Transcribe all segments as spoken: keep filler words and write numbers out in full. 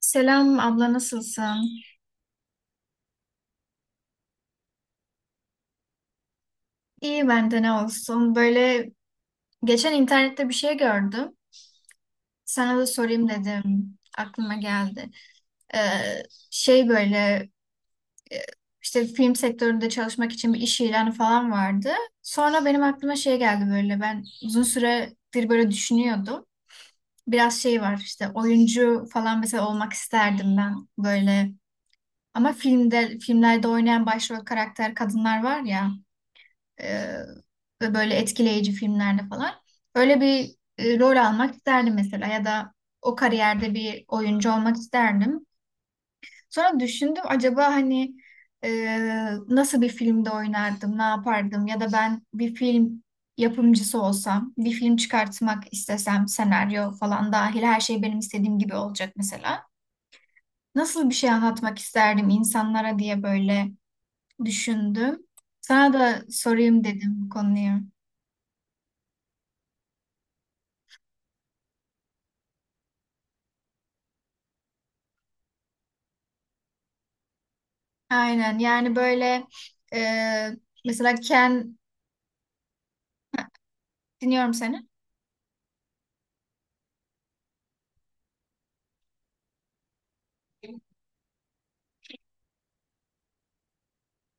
Selam abla, nasılsın? İyi, bende ne olsun. Böyle geçen internette bir şey gördüm. Sana da sorayım dedim. Aklıma geldi. Ee, şey, böyle e, işte film sektöründe çalışmak için bir iş ilanı falan vardı. Sonra benim aklıma şey geldi böyle. Ben uzun süredir böyle düşünüyordum. Biraz şey var, işte oyuncu falan mesela olmak isterdim ben böyle. Ama filmde filmlerde oynayan başrol karakter kadınlar var ya. Ee, ve böyle etkileyici filmlerde falan. Öyle bir e, rol almak isterdim mesela, ya da o kariyerde bir oyuncu olmak isterdim. Sonra düşündüm, acaba hani e, nasıl bir filmde oynardım, ne yapardım, ya da ben bir film yapımcısı olsam, bir film çıkartmak istesem, senaryo falan dahil her şey benim istediğim gibi olacak mesela. Nasıl bir şey anlatmak isterdim insanlara diye böyle düşündüm. Sana da sorayım dedim bu konuyu. Aynen, yani böyle e, mesela ken dinliyorum seni.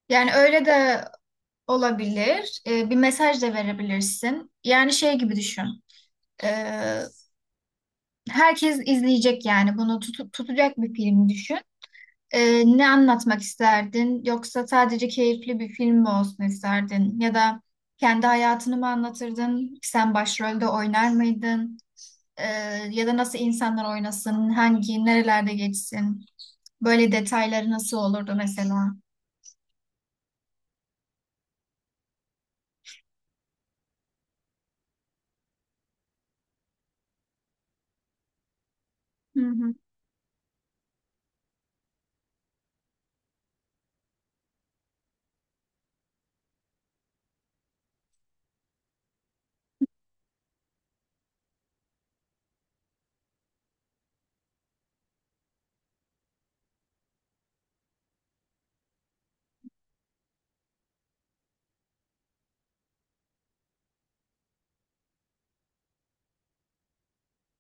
Yani öyle de olabilir. E, bir mesaj da verebilirsin. Yani şey gibi düşün. E, herkes izleyecek yani, bunu tutu- tutacak bir film düşün. E, ne anlatmak isterdin? Yoksa sadece keyifli bir film mi olsun isterdin? Ya da kendi hayatını mı anlatırdın? Sen başrolde oynar mıydın? Ee, ya da nasıl insanlar oynasın, hangi, nerelerde geçsin. Böyle detayları nasıl olurdu mesela? Hı hı,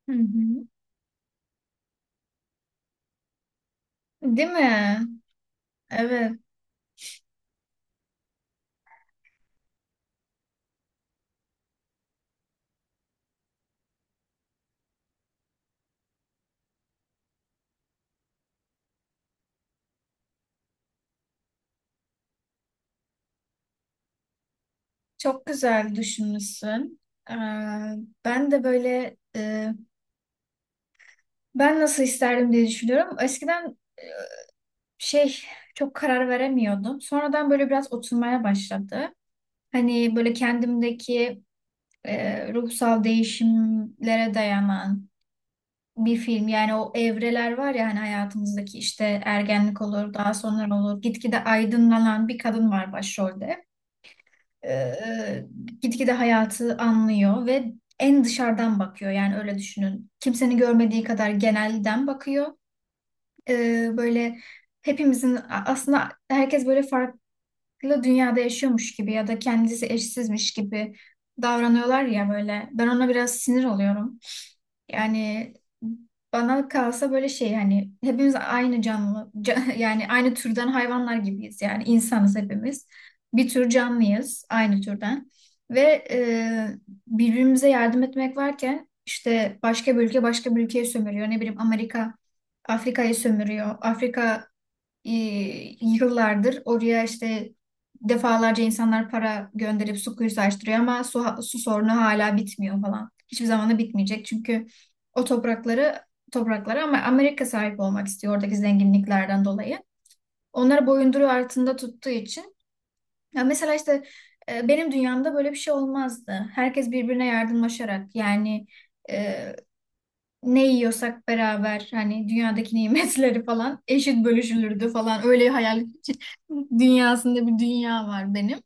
hı hı. Değil mi? Evet, çok güzel düşünmüşsün. Ee, ben de böyle e, ben nasıl isterdim diye düşünüyorum. Eskiden e, şey, çok karar veremiyordum. Sonradan böyle biraz oturmaya başladı. Hani böyle kendimdeki e, ruhsal değişimlere dayanan bir film, yani o evreler var ya hani hayatımızdaki, işte ergenlik olur, daha sonra olur, gitgide aydınlanan bir kadın var başrolde. ee, gitgide hayatı anlıyor ve en dışarıdan bakıyor, yani öyle düşünün, kimsenin görmediği kadar genelden bakıyor. Ee, böyle hepimizin aslında, herkes böyle farklı farklı dünyada yaşıyormuş gibi ya da kendisi eşsizmiş gibi davranıyorlar ya böyle. Ben ona biraz sinir oluyorum. Yani bana kalsa böyle şey, hani hepimiz aynı canlı ca- yani aynı türden hayvanlar gibiyiz, yani insanız hepimiz. Bir tür canlıyız, aynı türden, ve e, birbirimize yardım etmek varken işte başka bir ülke başka bir ülkeyi sömürüyor. Ne bileyim, Amerika Afrika'yı sömürüyor. Afrika e, yıllardır oraya işte defalarca insanlar para gönderip su kuyusu açtırıyor ama su, su sorunu hala bitmiyor falan. Hiçbir zaman da bitmeyecek çünkü o toprakları topraklara ama Amerika sahip olmak istiyor, oradaki zenginliklerden dolayı. Onları boyunduruğu altında tuttuğu için. Ya mesela işte e, benim dünyamda böyle bir şey olmazdı. Herkes birbirine yardımlaşarak, yani e, ne yiyorsak beraber, hani dünyadaki nimetleri falan eşit bölüşülürdü falan, öyle hayal dünyasında bir dünya var benim.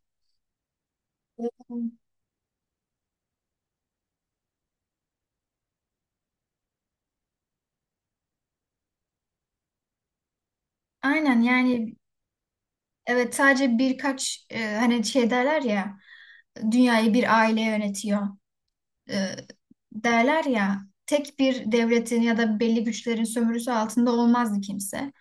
Aynen yani, evet, sadece birkaç e, hani şey derler ya, dünyayı bir aile yönetiyor e, derler ya, tek bir devletin ya da belli güçlerin sömürüsü altında olmazdı kimse.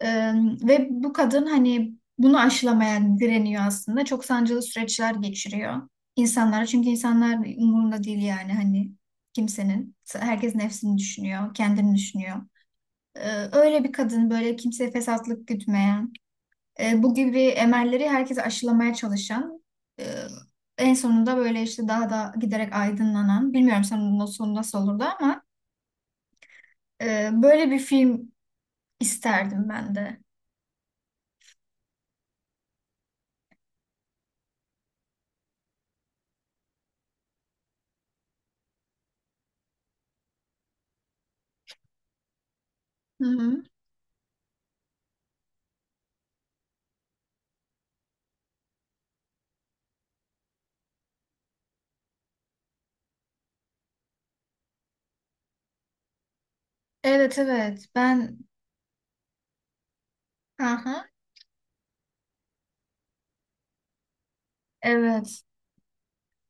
Ee, ve bu kadın hani bunu aşılamaya direniyor aslında. Çok sancılı süreçler geçiriyor insanlar. Çünkü insanlar umurunda değil, yani hani kimsenin. Herkes nefsini düşünüyor, kendini düşünüyor. Ee, öyle bir kadın, böyle kimseye fesatlık gütmeyen, e, bu gibi emelleri herkese aşılamaya çalışan, e, en sonunda böyle işte daha da giderek aydınlanan, bilmiyorum sonunun sonu nasıl olurdu ama e, böyle bir film isterdim ben de. Hı hı. Evet, evet, ben. Aha, evet.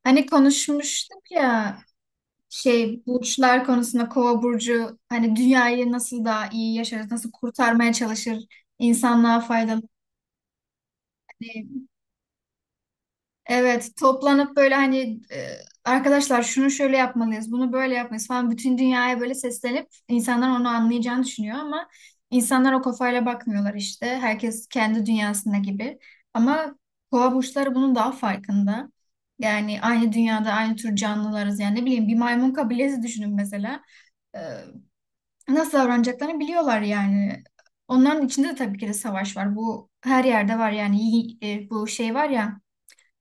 Hani konuşmuştuk ya, şey, burçlar konusunda, kova burcu hani dünyayı nasıl daha iyi yaşarız, nasıl kurtarmaya çalışır, insanlığa faydalı. Hani evet, toplanıp böyle hani e, arkadaşlar şunu şöyle yapmalıyız, bunu böyle yapmalıyız falan, bütün dünyaya böyle seslenip insanlar onu anlayacağını düşünüyor ama insanlar o kafayla bakmıyorlar işte. Herkes kendi dünyasında gibi. Ama boğa burçları bunun daha farkında. Yani aynı dünyada aynı tür canlılarız. Yani ne bileyim, bir maymun kabilesi düşünün mesela. E, nasıl davranacaklarını biliyorlar yani. Onların içinde de tabii ki de savaş var. Bu her yerde var yani. Yi- e, bu şey var ya,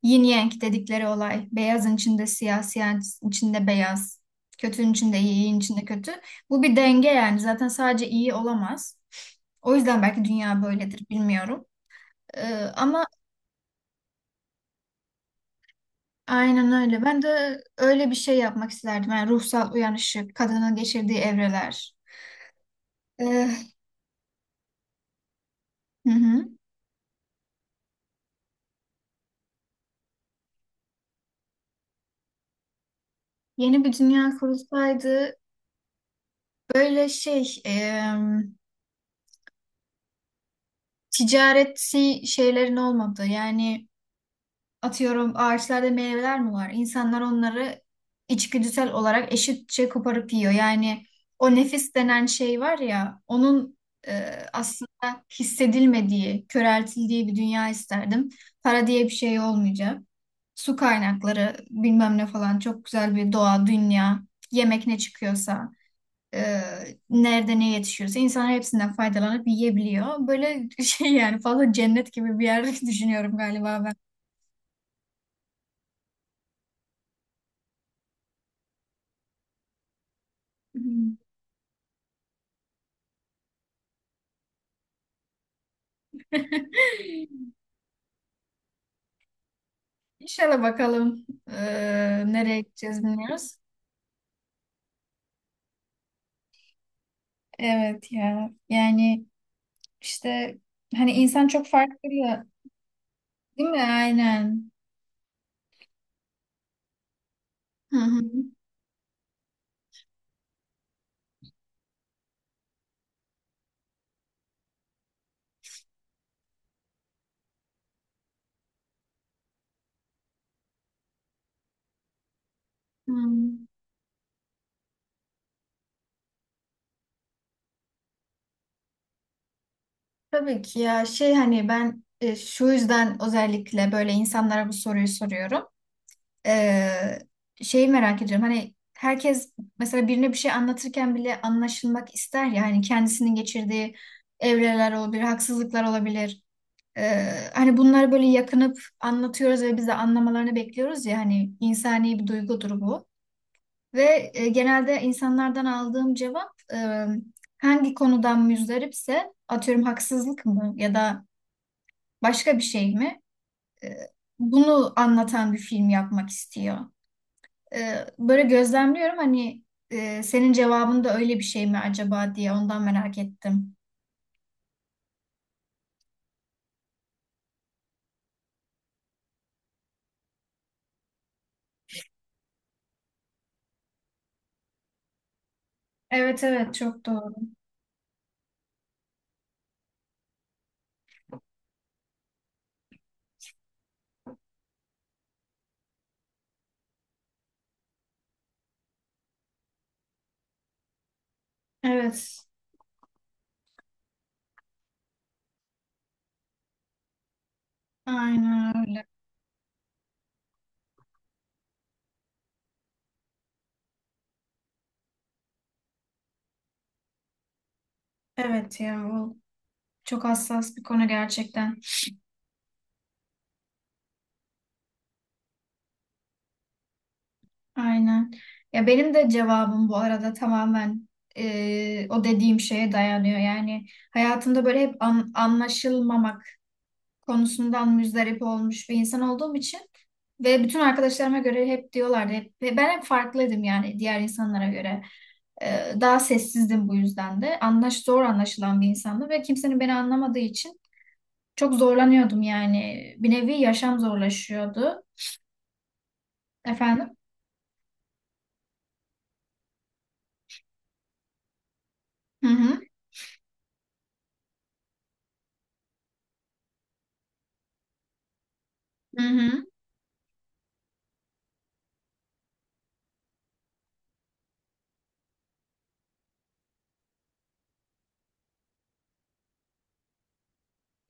yin yang dedikleri olay. Beyazın içinde siyah, siyahın içinde beyaz. Kötünün içinde iyi, iyinin içinde kötü. Bu bir denge yani. Zaten sadece iyi olamaz. O yüzden belki dünya böyledir, bilmiyorum. Ee, ama aynen öyle. Ben de öyle bir şey yapmak isterdim. Yani ruhsal uyanışı, kadının geçirdiği evreler. Ee, hı hı. Yeni bir dünya kurulsaydı böyle şey, em, ticareti, şeylerin olmadığı, yani atıyorum, ağaçlarda meyveler mi var? İnsanlar onları içgüdüsel olarak eşitçe koparıp yiyor. Yani o nefis denen şey var ya, onun e, aslında hissedilmediği, köreltildiği bir dünya isterdim. Para diye bir şey olmayacak. Su kaynakları bilmem ne falan, çok güzel bir doğa, dünya, yemek ne çıkıyorsa, e, nerede ne yetişiyorsa insan hepsinden faydalanıp yiyebiliyor. Böyle şey, yani fazla cennet gibi bir yer düşünüyorum galiba ben. İnşallah, bakalım eee, nereye gideceğiz bilmiyoruz. Evet ya. Yani işte, hani insan çok farklı ya. Değil mi? Aynen. Hı hı. Hmm. Tabii ki ya, şey hani ben e, şu yüzden özellikle böyle insanlara bu soruyu soruyorum. Ee, şeyi merak ediyorum hani, herkes mesela birine bir şey anlatırken bile anlaşılmak ister ya, hani kendisinin geçirdiği evreler olabilir, haksızlıklar olabilir. Ee, hani bunlar böyle yakınıp anlatıyoruz ve biz de anlamalarını bekliyoruz ya, hani insani bir duygudur bu. Ve e, genelde insanlardan aldığım cevap, e, hangi konudan müzdaripse, atıyorum haksızlık mı ya da başka bir şey mi? E, bunu anlatan bir film yapmak istiyor. E, böyle gözlemliyorum hani, e, senin cevabın da öyle bir şey mi acaba diye ondan merak ettim. Evet, evet çok doğru. Evet. Aynen öyle. Evet ya, bu çok hassas bir konu gerçekten. Aynen. Ya benim de cevabım bu arada tamamen e, o dediğim şeye dayanıyor. Yani hayatımda böyle hep an- anlaşılmamak konusundan müzdarip olmuş bir insan olduğum için ve bütün arkadaşlarıma göre hep diyorlardı. Hep, ve ben hep farklıydım yani diğer insanlara göre. E, daha sessizdim bu yüzden de. Anlaş, zor anlaşılan bir insandım ve kimsenin beni anlamadığı için çok zorlanıyordum yani. Bir nevi yaşam zorlaşıyordu. Efendim? Hı hı. Hı hı.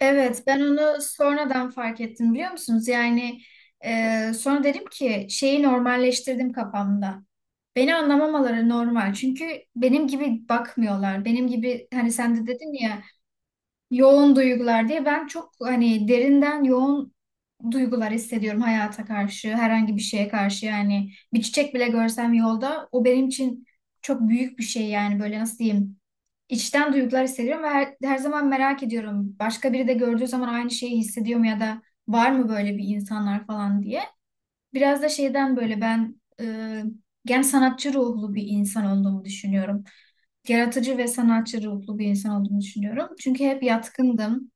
Evet, ben onu sonradan fark ettim, biliyor musunuz? Yani e, sonra dedim ki, şeyi normalleştirdim kafamda. Beni anlamamaları normal. Çünkü benim gibi bakmıyorlar. Benim gibi hani, sen de dedin ya, yoğun duygular diye, ben çok hani derinden yoğun duygular hissediyorum hayata karşı, herhangi bir şeye karşı, yani bir çiçek bile görsem yolda o benim için çok büyük bir şey, yani böyle nasıl diyeyim, içten duygular hissediyorum ve her, her zaman merak ediyorum başka biri de gördüğü zaman aynı şeyi hissediyor mu, ya da var mı böyle bir insanlar falan diye. Biraz da şeyden böyle, ben e, gen sanatçı ruhlu bir insan olduğumu düşünüyorum, yaratıcı ve sanatçı ruhlu bir insan olduğumu düşünüyorum. Çünkü hep yatkındım.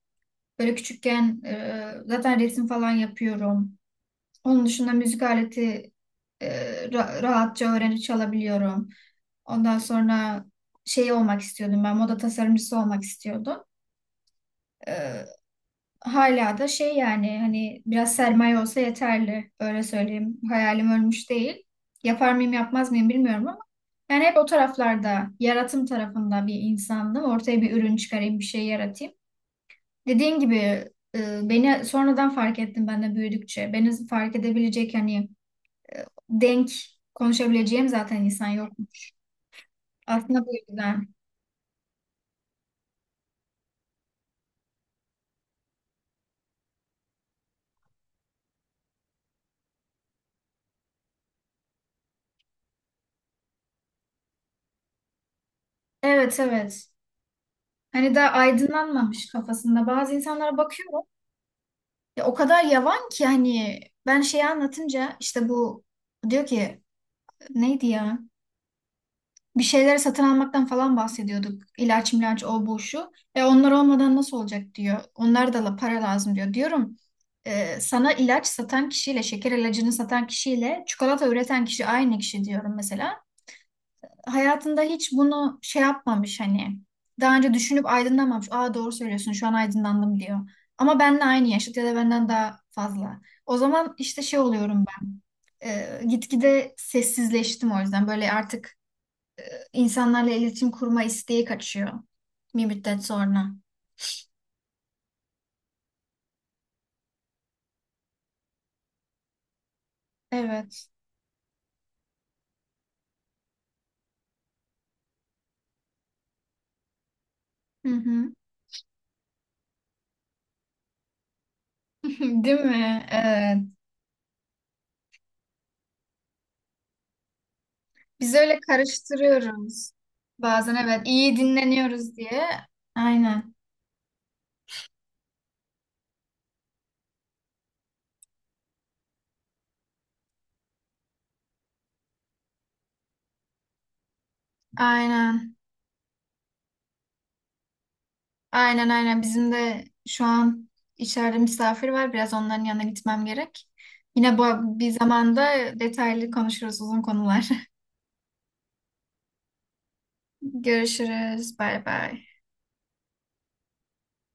Böyle küçükken e, zaten resim falan yapıyorum. Onun dışında müzik aleti e, ra- rahatça öğrenip çalabiliyorum. Ondan sonra şey olmak istiyordum, ben moda tasarımcısı olmak istiyordum. E, hala da şey, yani hani biraz sermaye olsa yeterli, öyle söyleyeyim. Hayalim ölmüş değil. Yapar mıyım yapmaz mıyım bilmiyorum ama yani hep o taraflarda, yaratım tarafında bir insandım. Ortaya bir ürün çıkarayım, bir şey yaratayım. Dediğin gibi e, beni sonradan fark ettim ben de büyüdükçe. Beni fark edebilecek hani denk konuşabileceğim zaten insan yok. Aslında bu yüzden. Evet, evet. Hani daha aydınlanmamış kafasında. Bazı insanlara bakıyorum. Ya o kadar yavan ki, hani ben şeyi anlatınca, işte bu diyor ki, neydi ya? Bir şeyleri satın almaktan falan bahsediyorduk. İlaç milaç o bu şu. E, onlar olmadan nasıl olacak diyor. Onlar da la- para lazım diyor. Diyorum, e, sana ilaç satan kişiyle, şeker ilacını satan kişiyle, çikolata üreten kişi aynı kişi, diyorum mesela. Hayatında hiç bunu şey yapmamış hani. Daha önce düşünüp aydınlanmamış. Aa, doğru söylüyorsun, şu an aydınlandım diyor. Ama benle aynı yaşıt ya da benden daha fazla. O zaman işte şey oluyorum ben. E, gitgide sessizleştim o yüzden. Böyle artık İnsanlarla iletişim kurma isteği kaçıyor bir müddet sonra. Evet. Hı hı. Değil mi? Evet. Biz öyle karıştırıyoruz. Bazen evet, iyi dinleniyoruz diye. Aynen. Aynen. Aynen, aynen. Bizim de şu an içeride misafir var. Biraz onların yanına gitmem gerek. Yine bu bir zamanda detaylı konuşuruz, uzun konular. Görüşürüz. Bay bay.